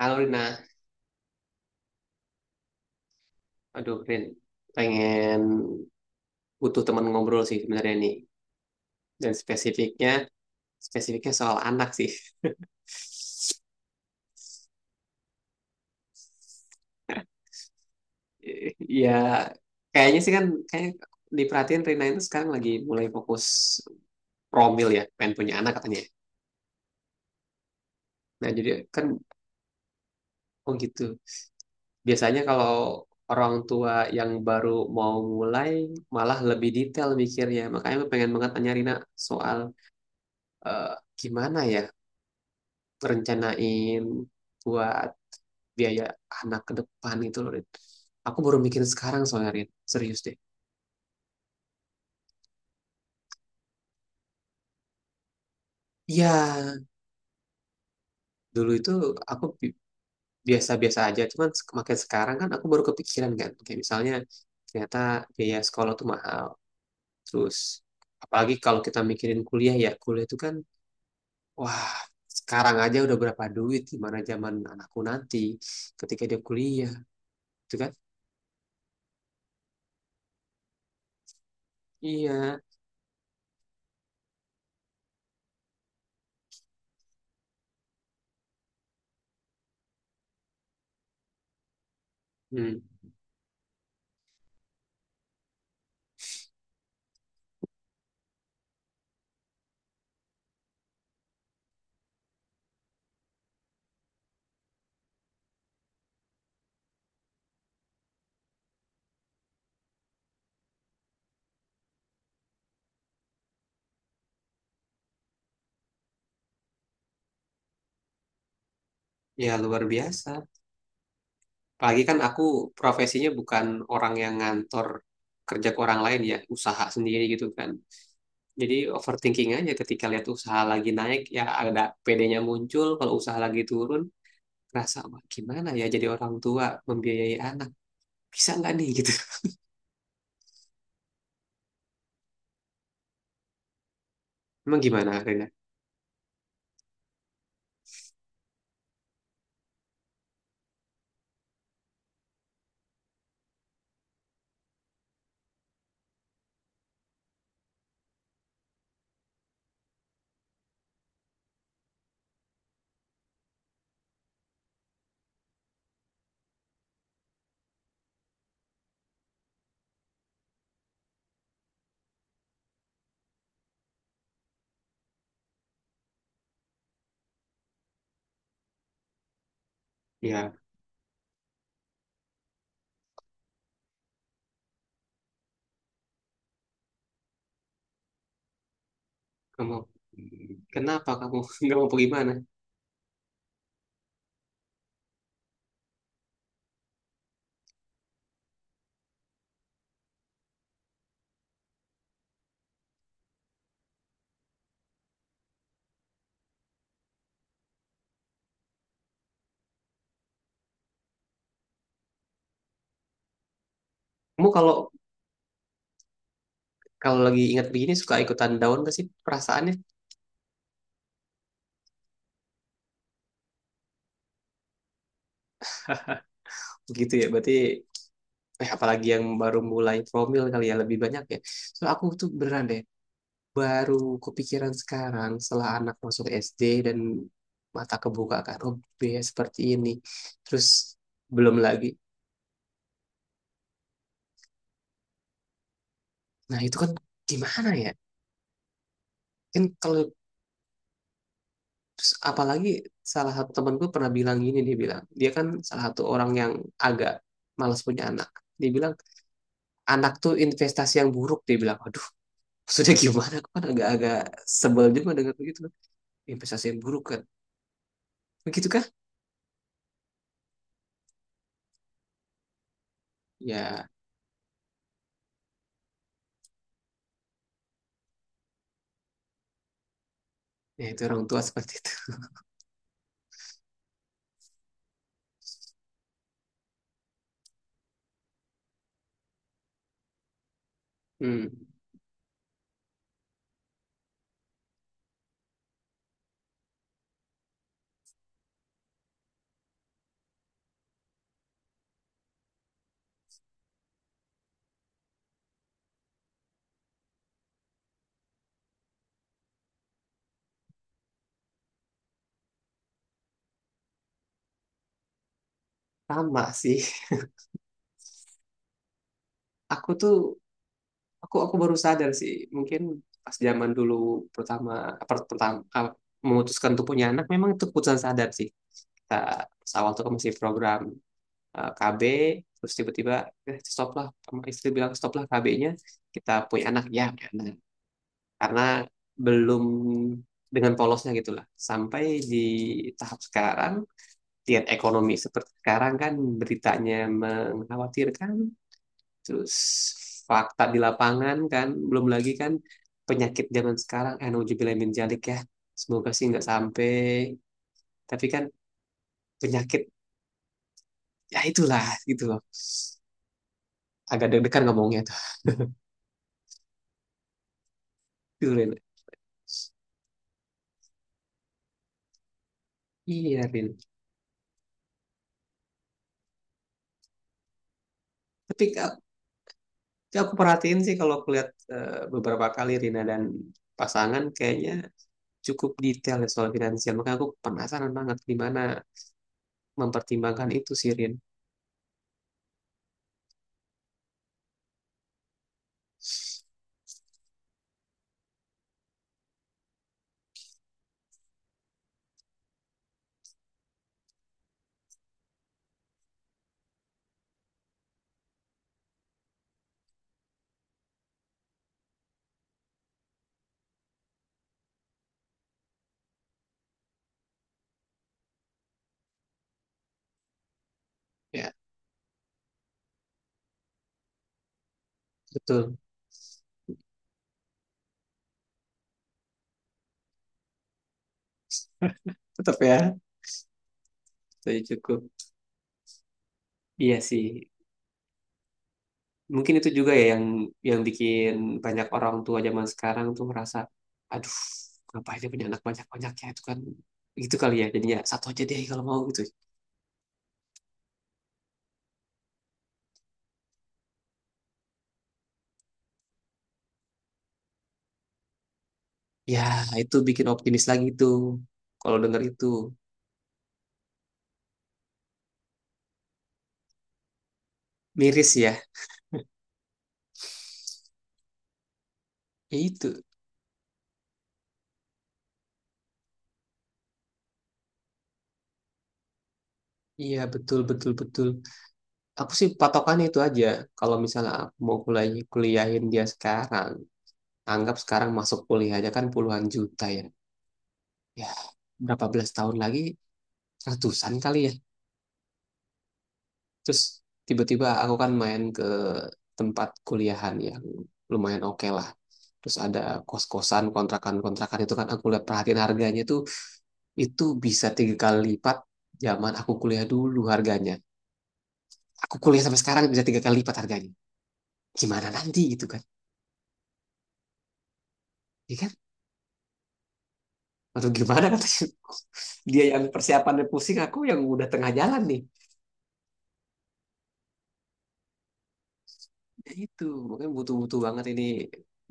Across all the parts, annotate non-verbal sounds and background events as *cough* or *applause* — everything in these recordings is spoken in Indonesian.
Halo Rina, aduh Rin, pengen butuh teman ngobrol sih sebenarnya nih. Dan spesifiknya, spesifiknya soal anak sih. *laughs* Ya kayaknya sih kan, kayak diperhatiin Rina itu sekarang lagi mulai fokus promil ya, pengen punya anak katanya. Nah jadi kan, oh gitu. Biasanya kalau orang tua yang baru mau mulai, malah lebih detail mikirnya. Makanya gue pengen banget tanya Rina soal eh, gimana ya rencanain buat biaya anak ke depan itu loh Rit. Aku baru mikir sekarang soalnya Rit. Serius deh. Ya dulu itu aku bi- biasa-biasa aja, cuman makin sekarang kan aku baru kepikiran kan, kayak misalnya ternyata biaya sekolah tuh mahal, terus apalagi kalau kita mikirin kuliah ya kuliah itu kan, wah sekarang aja udah berapa duit, gimana zaman anakku nanti ketika dia kuliah, itu kan? Iya, hmm, ya luar biasa. Apalagi kan aku profesinya bukan orang yang ngantor kerja ke orang lain ya, usaha sendiri gitu kan. Jadi overthinking aja ketika lihat usaha lagi naik ya ada PD-nya muncul, kalau usaha lagi turun rasa, "Wah, gimana ya jadi orang tua membiayai anak. Bisa nggak nih gitu." *laughs* Emang gimana Rena? Ya, kamu kenapa kamu *laughs* nggak mau gimana? Kamu kalau kalau lagi ingat begini suka ikutan down gak sih perasaannya? Gitu ya, berarti eh apalagi yang baru mulai promil kali ya lebih banyak ya. So aku tuh beneran deh baru kepikiran sekarang setelah anak masuk SD dan mata kebuka kan, oh biaya seperti ini. Terus belum lagi. Nah itu kan gimana ya? Kan kalau apalagi salah satu temanku pernah bilang gini, dia bilang dia kan salah satu orang yang agak malas punya anak. Dia bilang anak tuh investasi yang buruk. Dia bilang aduh *laughs* sudah gimana? Aku kan agak-agak sebel juga dengar begitu kan. Investasi yang buruk kan. Begitukah? Ya, ya itu orang tua seperti itu. Hmm. Sama sih. Aku tuh aku baru sadar sih, mungkin pas zaman dulu pertama apa, pertama memutuskan untuk punya anak memang itu keputusan sadar sih. Kita pas awal tuh kan masih program KB terus tiba-tiba stop lah, sama istri bilang stop lah KB-nya, kita punya anak ya punya anak. Karena belum, dengan polosnya gitulah sampai di tahap sekarang lihat ekonomi seperti sekarang kan beritanya mengkhawatirkan, terus fakta di lapangan kan, belum lagi kan penyakit zaman sekarang, nauzubillah min dzalik ya, semoga sih nggak sampai, tapi kan penyakit, ya itulah gitu loh. Agak deg-degan ngomongnya tuh, *laughs* gitu, Rin. Iya, Rin. Tapi ka- aku perhatiin sih kalau aku lihat beberapa kali Rina dan pasangan kayaknya cukup detail ya soal finansial. Makanya aku penasaran banget gimana mempertimbangkan itu sih, Rin. Ya, betul. Tetap ya, saya cukup. Iya sih. Mungkin itu juga ya yang bikin banyak orang tua zaman sekarang tuh merasa, aduh, ngapain dia punya anak banyak-banyak ya itu kan gitu kali ya. Jadinya satu aja deh kalau mau gitu. Ya, itu bikin optimis lagi tuh. Kalau dengar itu miris ya. Ya itu. Iya, betul betul betul. Aku sih patokannya itu aja. Kalau misalnya aku mau kuliahin dia sekarang, anggap sekarang masuk kuliah aja kan puluhan juta ya. Ya berapa belas tahun lagi ratusan kali ya, terus tiba-tiba aku kan main ke tempat kuliahan yang lumayan oke lah, terus ada kos-kosan kontrakan-kontrakan itu kan aku lihat perhatiin harganya tuh itu bisa tiga kali lipat zaman aku kuliah dulu harganya, aku kuliah sampai sekarang bisa tiga kali lipat harganya, gimana nanti gitu kan ya kan aduh gimana katanya *laughs* dia yang persiapannya pusing aku yang udah tengah jalan nih. Ya itu mungkin butuh-butuh banget ini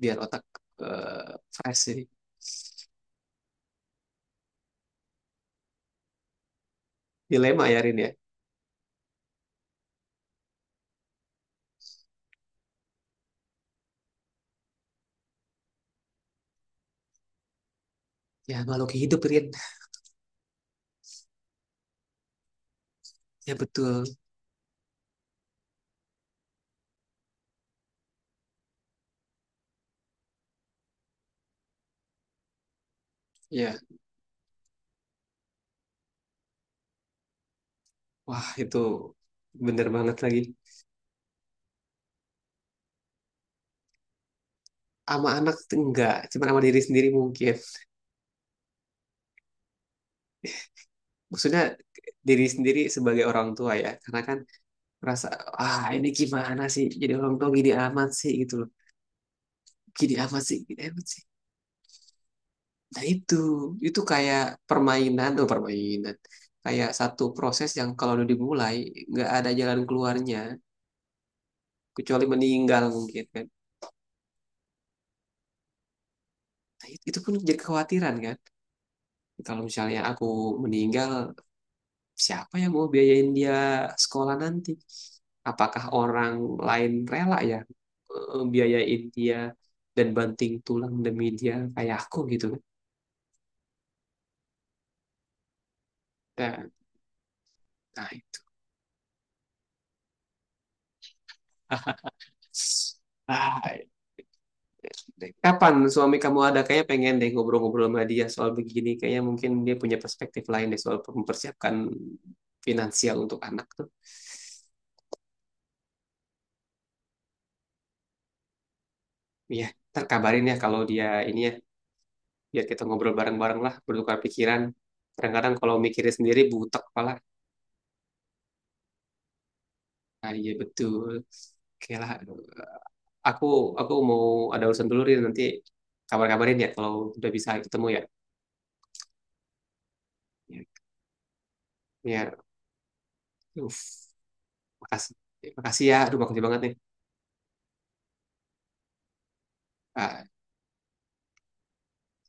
biar otak fresh ini. Dilema ya Rin ya. Ya makhluk hidup Rin. Ya betul. Ya wah itu bener banget lagi. Sama anak tuh enggak, cuma sama diri sendiri mungkin. Maksudnya diri sendiri sebagai orang tua ya. Karena kan merasa ah ini gimana sih jadi orang tua gini amat sih gitu loh. Gini amat sih, gini amat sih. Nah itu kayak permainan tuh permainan. Kayak satu proses yang kalau udah dimulai nggak ada jalan keluarnya kecuali meninggal mungkin kan. Nah, itu pun jadi kekhawatiran kan. Kalau misalnya aku meninggal, siapa yang mau biayain dia sekolah nanti? Apakah orang lain rela ya biayain dia dan banting tulang demi dia kayak aku gitu kan? Nah, nah itu. Ah, deh. Kapan suami kamu ada? Kayaknya pengen deh ngobrol-ngobrol sama dia soal begini. Kayaknya mungkin dia punya perspektif lain deh soal mempersiapkan finansial untuk anak tuh. Iya, ntar kabarin ya kalau dia ini ya, biar kita ngobrol bareng-bareng lah, bertukar pikiran. Kadang-kadang kalau mikirin sendiri butek kepala. Ah iya betul. Oke lah, aku aku mau ada urusan dulu Rin, nanti kabar-kabarin ya kalau udah bisa ketemu ya. Ya, ya. Uf, makasih. Makasih ya, aduh makasih banget nih. Ah,